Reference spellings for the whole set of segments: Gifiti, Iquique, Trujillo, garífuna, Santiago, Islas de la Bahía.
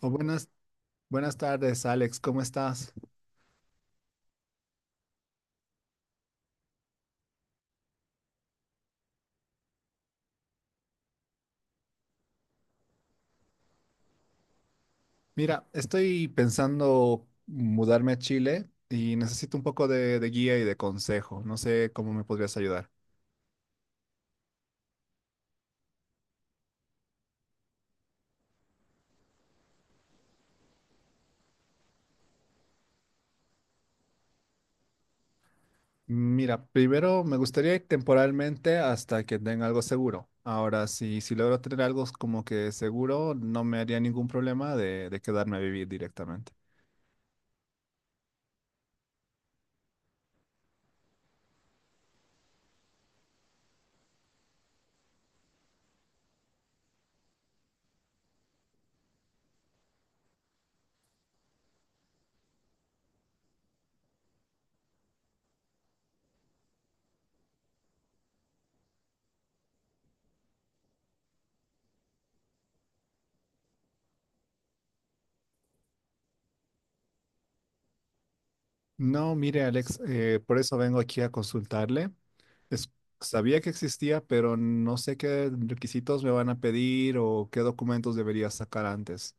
Oh, buenas, buenas tardes, Alex. ¿Cómo estás? Mira, estoy pensando mudarme a Chile y necesito un poco de guía y de consejo. No sé cómo me podrías ayudar. Mira, primero me gustaría ir temporalmente hasta que tenga algo seguro. Ahora, si logro tener algo como que seguro, no me haría ningún problema de quedarme a vivir directamente. No, mire, Alex, por eso vengo aquí a consultarle. Es- Sabía que existía, pero no sé qué requisitos me van a pedir o qué documentos debería sacar antes.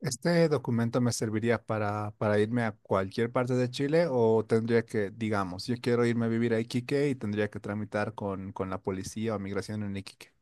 ¿Este documento me serviría para irme a cualquier parte de Chile o tendría que, digamos, yo quiero irme a vivir a Iquique y tendría que tramitar con la policía o migración en Iquique?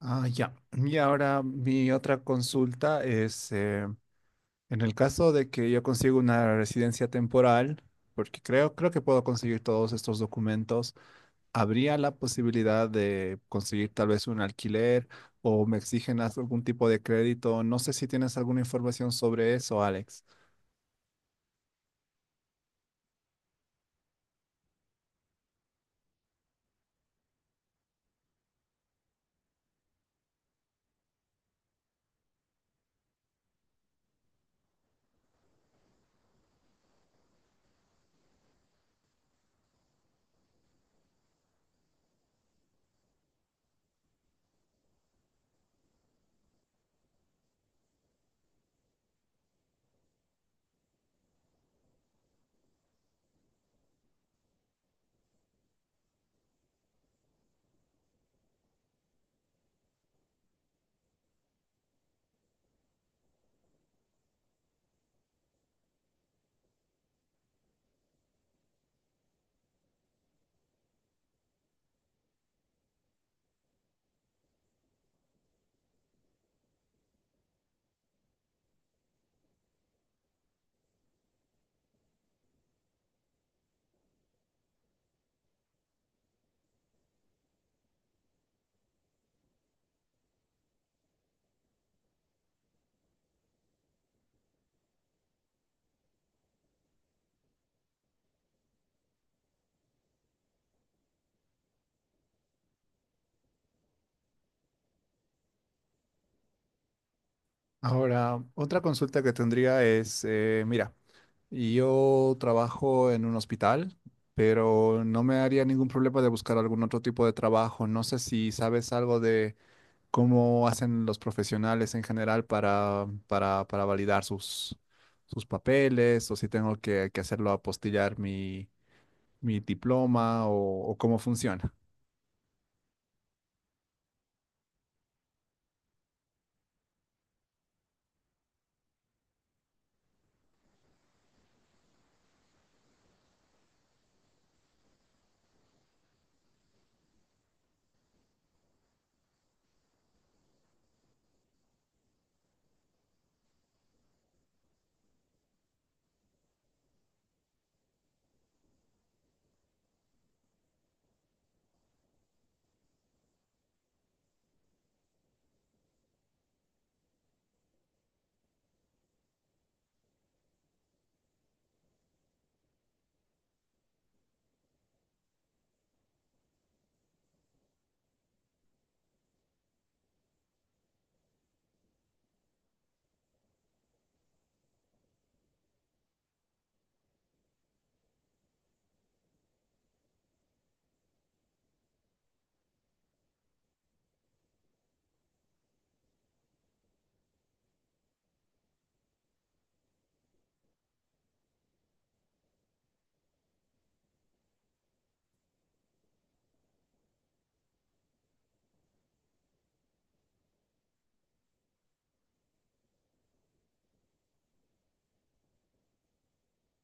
Ah, ya. Y ahora mi otra consulta es, en el caso de que yo consiga una residencia temporal, porque creo que puedo conseguir todos estos documentos, habría la posibilidad de conseguir tal vez un alquiler o me exigen algún tipo de crédito. No sé si tienes alguna información sobre eso, Alex. Ahora, otra consulta que tendría es, mira, yo trabajo en un hospital, pero no me haría ningún problema de buscar algún otro tipo de trabajo. No sé si sabes algo de cómo hacen los profesionales en general para validar sus, sus papeles o si tengo que hacerlo apostillar mi mi diploma o cómo funciona.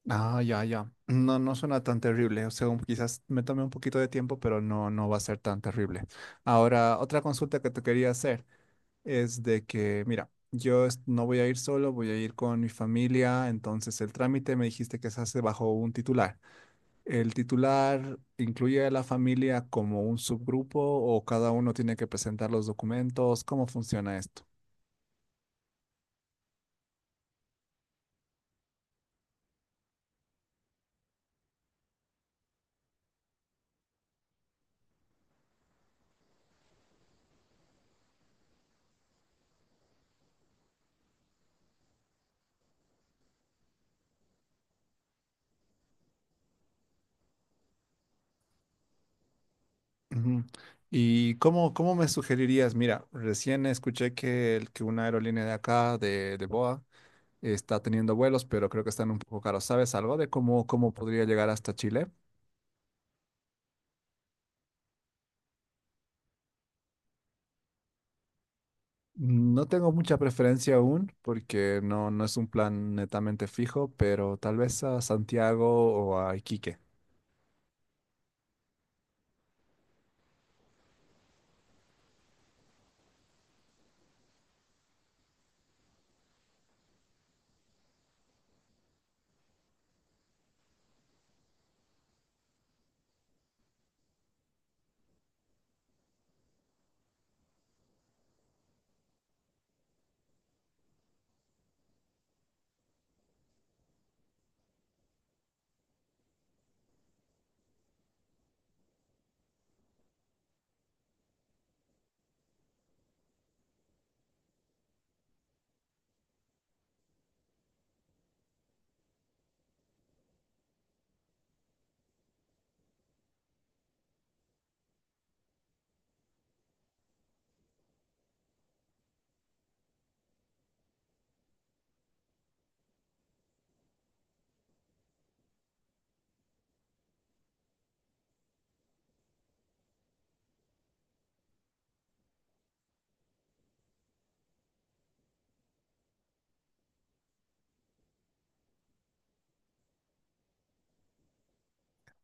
Ah, ya, ya. No, no suena tan terrible. O sea, quizás me tome un poquito de tiempo, pero no, no va a ser tan terrible. Ahora, otra consulta que te quería hacer es de que, mira, no voy a ir solo, voy a ir con mi familia. Entonces, el trámite me dijiste que se hace bajo un titular. ¿El titular incluye a la familia como un subgrupo o cada uno tiene que presentar los documentos? ¿Cómo funciona esto? Ujú. ¿Y cómo, cómo me sugerirías? Mira, recién escuché que, que una aerolínea de acá, de Boa, está teniendo vuelos, pero creo que están un poco caros. ¿Sabes algo de cómo, cómo podría llegar hasta Chile? No tengo mucha preferencia aún, porque no, no es un plan netamente fijo, pero tal vez a Santiago o a Iquique.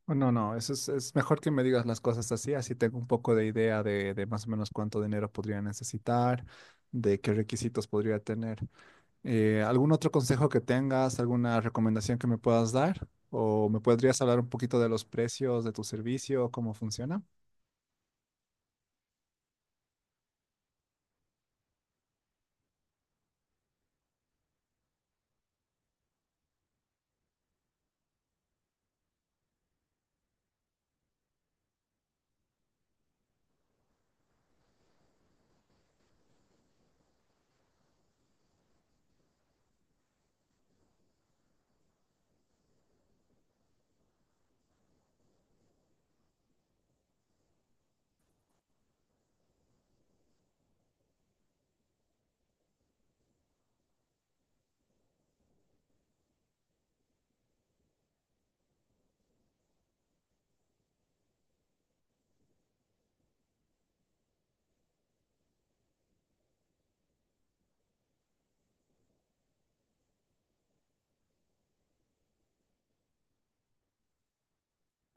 O no, no, eso es mejor que me digas las cosas así, así tengo un poco de idea de más o menos cuánto dinero podría necesitar, de qué requisitos podría tener. ¿Algún otro consejo que tengas, alguna recomendación que me puedas dar? ¿O me podrías hablar un poquito de los precios de tu servicio, cómo funciona?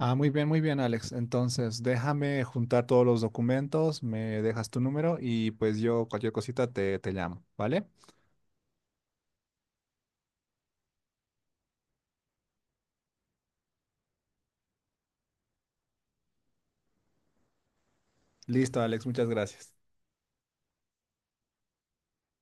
Ah, muy bien, Alex. Entonces, déjame juntar todos los documentos, me dejas tu número y pues yo cualquier cosita te llamo, ¿vale? Listo, Alex, muchas gracias.